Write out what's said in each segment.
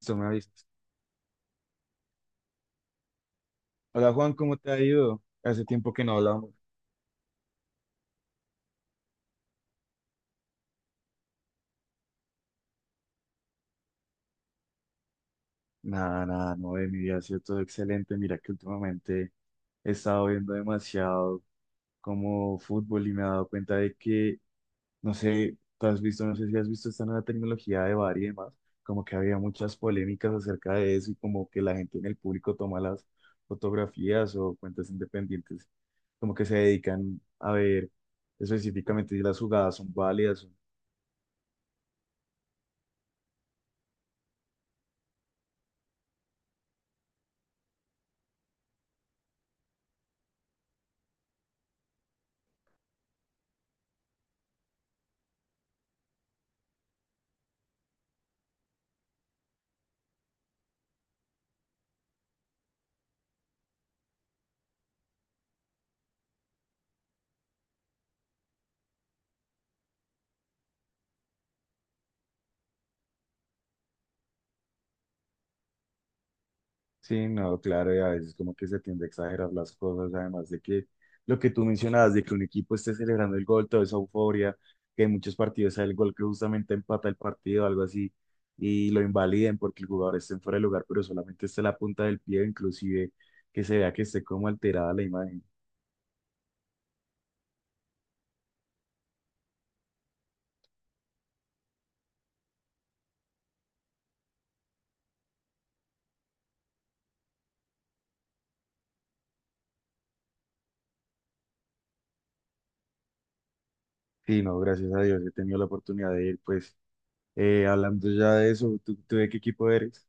Listo, me avisas. Hola Juan, ¿cómo te ha ido? Hace tiempo que no hablamos. Nada, nada, no, de mi vida ha sido todo excelente. Mira que últimamente he estado viendo demasiado como fútbol y me he dado cuenta de que, no sé, tú has visto, no sé si has visto esta nueva tecnología de VAR y demás, como que había muchas polémicas acerca de eso y como que la gente en el público toma las fotografías o cuentas independientes, como que se dedican a ver específicamente si las jugadas son válidas. Sí, no, claro, y a veces como que se tiende a exagerar las cosas, además de que lo que tú mencionabas, de que un equipo esté celebrando el gol, toda esa euforia, que en muchos partidos sale el gol que justamente empata el partido, algo así, y lo invaliden porque el jugador esté en fuera de lugar, pero solamente esté la punta del pie, inclusive que se vea que esté como alterada la imagen. Sí, no, gracias a Dios he tenido la oportunidad de ir, pues, hablando ya de eso, ¿tú ¿de qué equipo eres?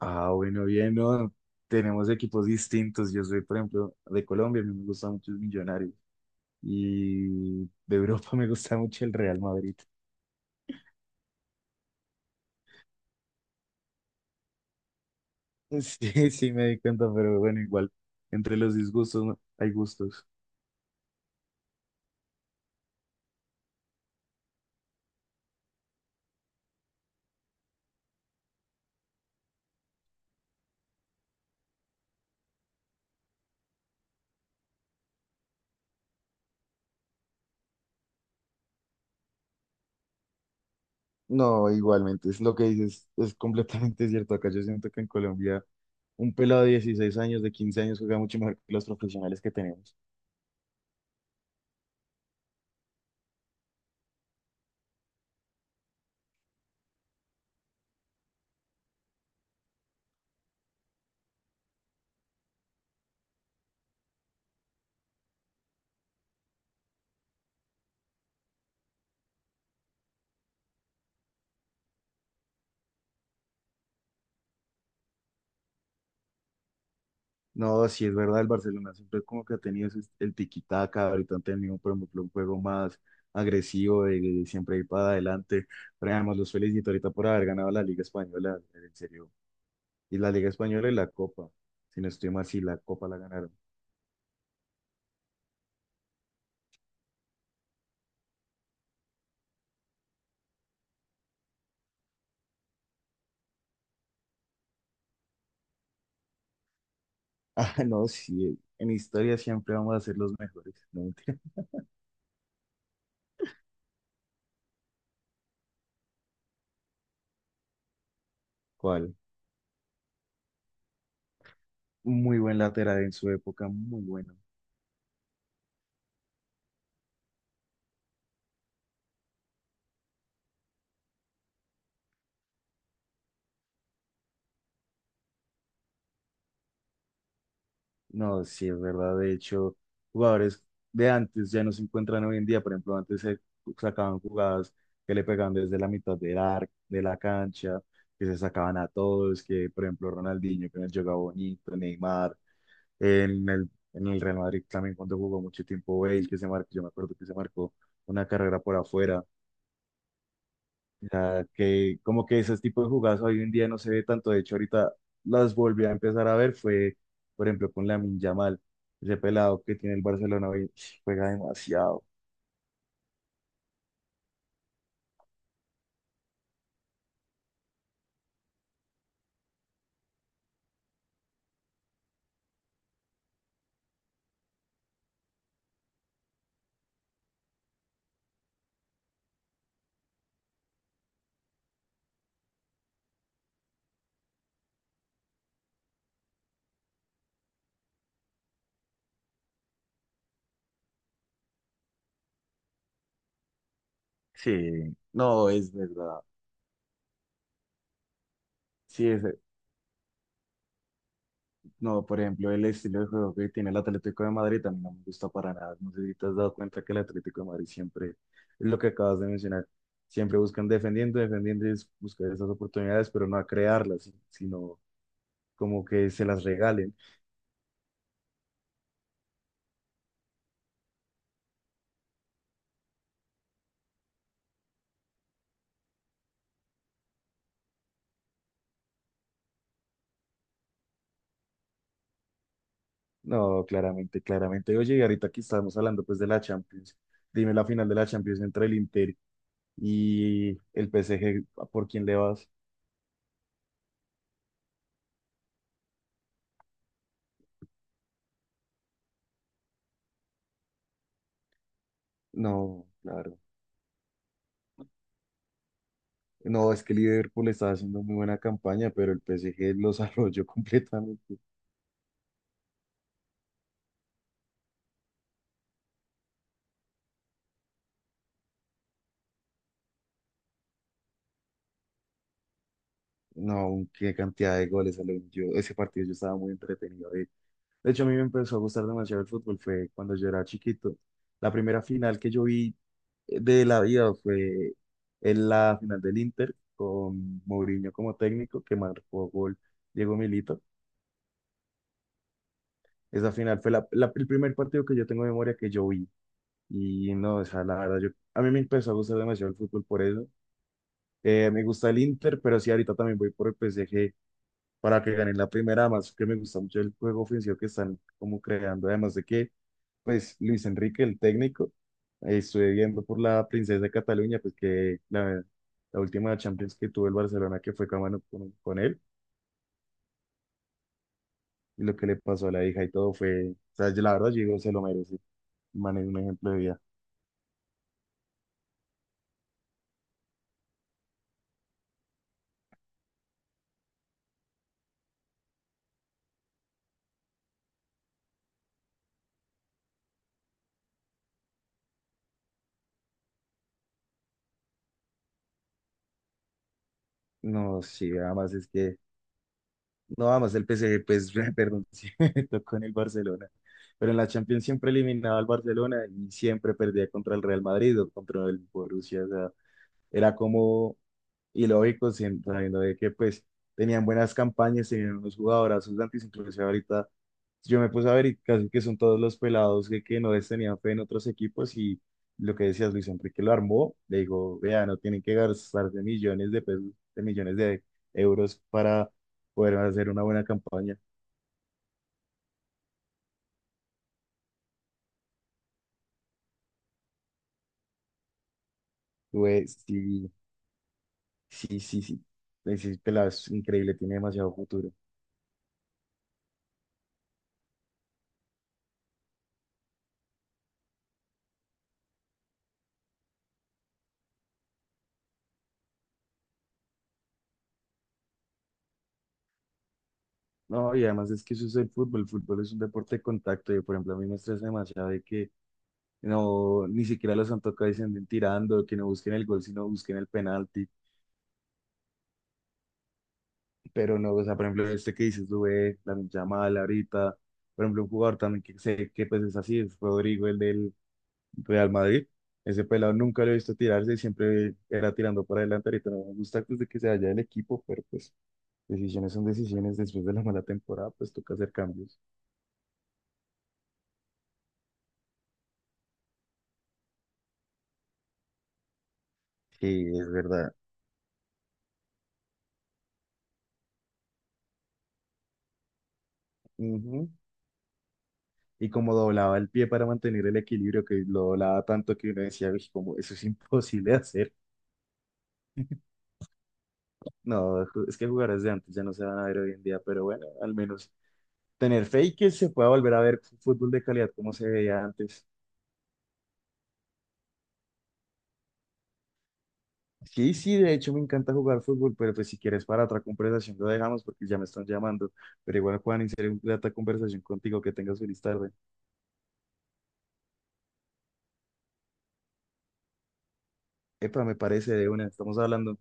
Ah, bueno, bien, no. Tenemos equipos distintos. Yo soy, por ejemplo, de Colombia, a mí me gusta mucho el Millonarios. Y de Europa me gusta mucho el Real Madrid. Sí, sí, me di cuenta, pero bueno, igual, entre los disgustos, ¿no?, hay gustos. No, igualmente, es lo que dices, es completamente cierto. Acá yo siento que en Colombia un pelado de 16 años, de 15 años, juega mucho mejor que los profesionales que tenemos. No, sí es verdad, el Barcelona siempre como que ha tenido el tiki-taka. Ahorita han tenido, por ejemplo, un juego más agresivo, de siempre ir para adelante, pero además los felicito ahorita por haber ganado la Liga Española, en serio, y la Liga Española y la Copa, si no estoy mal, sí, la Copa la ganaron. Ah, no, sí, en historia siempre vamos a ser los mejores, no mentira. ¿Cuál? Muy buen lateral en su época, muy bueno. No, sí, es verdad. De hecho, jugadores de antes ya no se encuentran hoy en día. Por ejemplo, antes se sacaban jugadas que le pegaban desde la mitad del arco, de la cancha, que se sacaban a todos, que por ejemplo Ronaldinho, que nos jugaba bonito, Neymar, en el Real Madrid también cuando jugó mucho tiempo Bale, que se marcó, yo me acuerdo que se marcó una carrera por afuera. Ya que como que ese tipo de jugadas hoy en día no se ve tanto, de hecho ahorita las volví a empezar a ver, fue por ejemplo con Lamine Yamal, ese pelado que tiene el Barcelona hoy, juega demasiado. Sí, no, es verdad. Sí, es, no, por ejemplo, el estilo de juego que tiene el Atlético de Madrid a mí no me gusta para nada. No sé si te has dado cuenta que el Atlético de Madrid siempre, es lo que acabas de mencionar, siempre buscan defendiendo, defendiendo y es buscar esas oportunidades, pero no a crearlas, sino como que se las regalen. No, claramente, claramente. Oye, y ahorita aquí estamos hablando pues de la Champions, dime la final de la Champions entre el Inter y el PSG, ¿por quién le vas? No, claro. No, es que Liverpool está haciendo muy buena campaña, pero el PSG los arrolló completamente. No, qué cantidad de goles salieron. Yo, ese partido yo estaba muy entretenido. De hecho, a mí me empezó a gustar demasiado el fútbol, fue cuando yo era chiquito. La primera final que yo vi de la vida fue en la final del Inter con Mourinho como técnico, que marcó gol Diego Milito. Esa final fue el primer partido que yo tengo en memoria que yo vi. Y no, o sea, la verdad, yo, a mí me empezó a gustar demasiado el fútbol por eso. Me gusta el Inter, pero sí, ahorita también voy por el PSG para que ganen la primera, más que me gusta mucho el juego ofensivo que están como creando, además de que pues Luis Enrique, el técnico, estuve viendo por la Princesa de Cataluña, pues que la última Champions que tuvo el Barcelona, que fue mano con él, y lo que le pasó a la hija y todo fue, o sea, yo la verdad, yo digo, se lo merece, el man es un ejemplo de vida. No, sí, además no, además el PSG, pues, perdón, sí, tocó en el Barcelona, pero en la Champions siempre eliminaba al Barcelona y siempre perdía contra el Real Madrid o contra el Borussia, o sea, era como. Y lógico, sabiendo de que pues tenían buenas campañas, tenían unos jugadorazos de antes, inclusive ahorita yo me puse a ver y casi que son todos los pelados que no les tenían fe en otros equipos, y lo que decías Luis Enrique lo armó, le dijo, vea, no tienen que gastarse millones de pesos, de millones de euros para poder hacer una buena campaña. Güey, sí, Ese pelado es increíble, tiene demasiado futuro. No, y además es que eso es el fútbol es un deporte de contacto, y por ejemplo a mí me estresa demasiado de que no, ni siquiera los han tocado y se anden tirando, que no busquen el gol, sino busquen el penalti. Pero no, o sea, por ejemplo, este que dices, Dubé, la Yamal, ahorita, por ejemplo, un jugador también que sé que pues es así, es Rodrigo, el del Real Madrid. Ese pelado nunca lo he visto tirarse, siempre era tirando para adelante. Ahorita no me gusta pues, de que se vaya del equipo, pero pues decisiones son decisiones. Después de la mala temporada, pues toca hacer cambios. Sí, es verdad. Ujú. Y como doblaba el pie para mantener el equilibrio, que lo doblaba tanto que uno decía, "Uy, como eso es imposible de hacer". No, es que jugadores de antes ya no se van a ver hoy en día, pero bueno, al menos tener fe y que se pueda volver a ver fútbol de calidad como se veía antes. Sí, sí, de hecho me encanta jugar fútbol, pero pues si quieres para otra conversación lo dejamos porque ya me están llamando. Pero igual, Juan, iniciar una grata conversación contigo, que tengas feliz tarde. Epa, me parece de una, estamos hablando.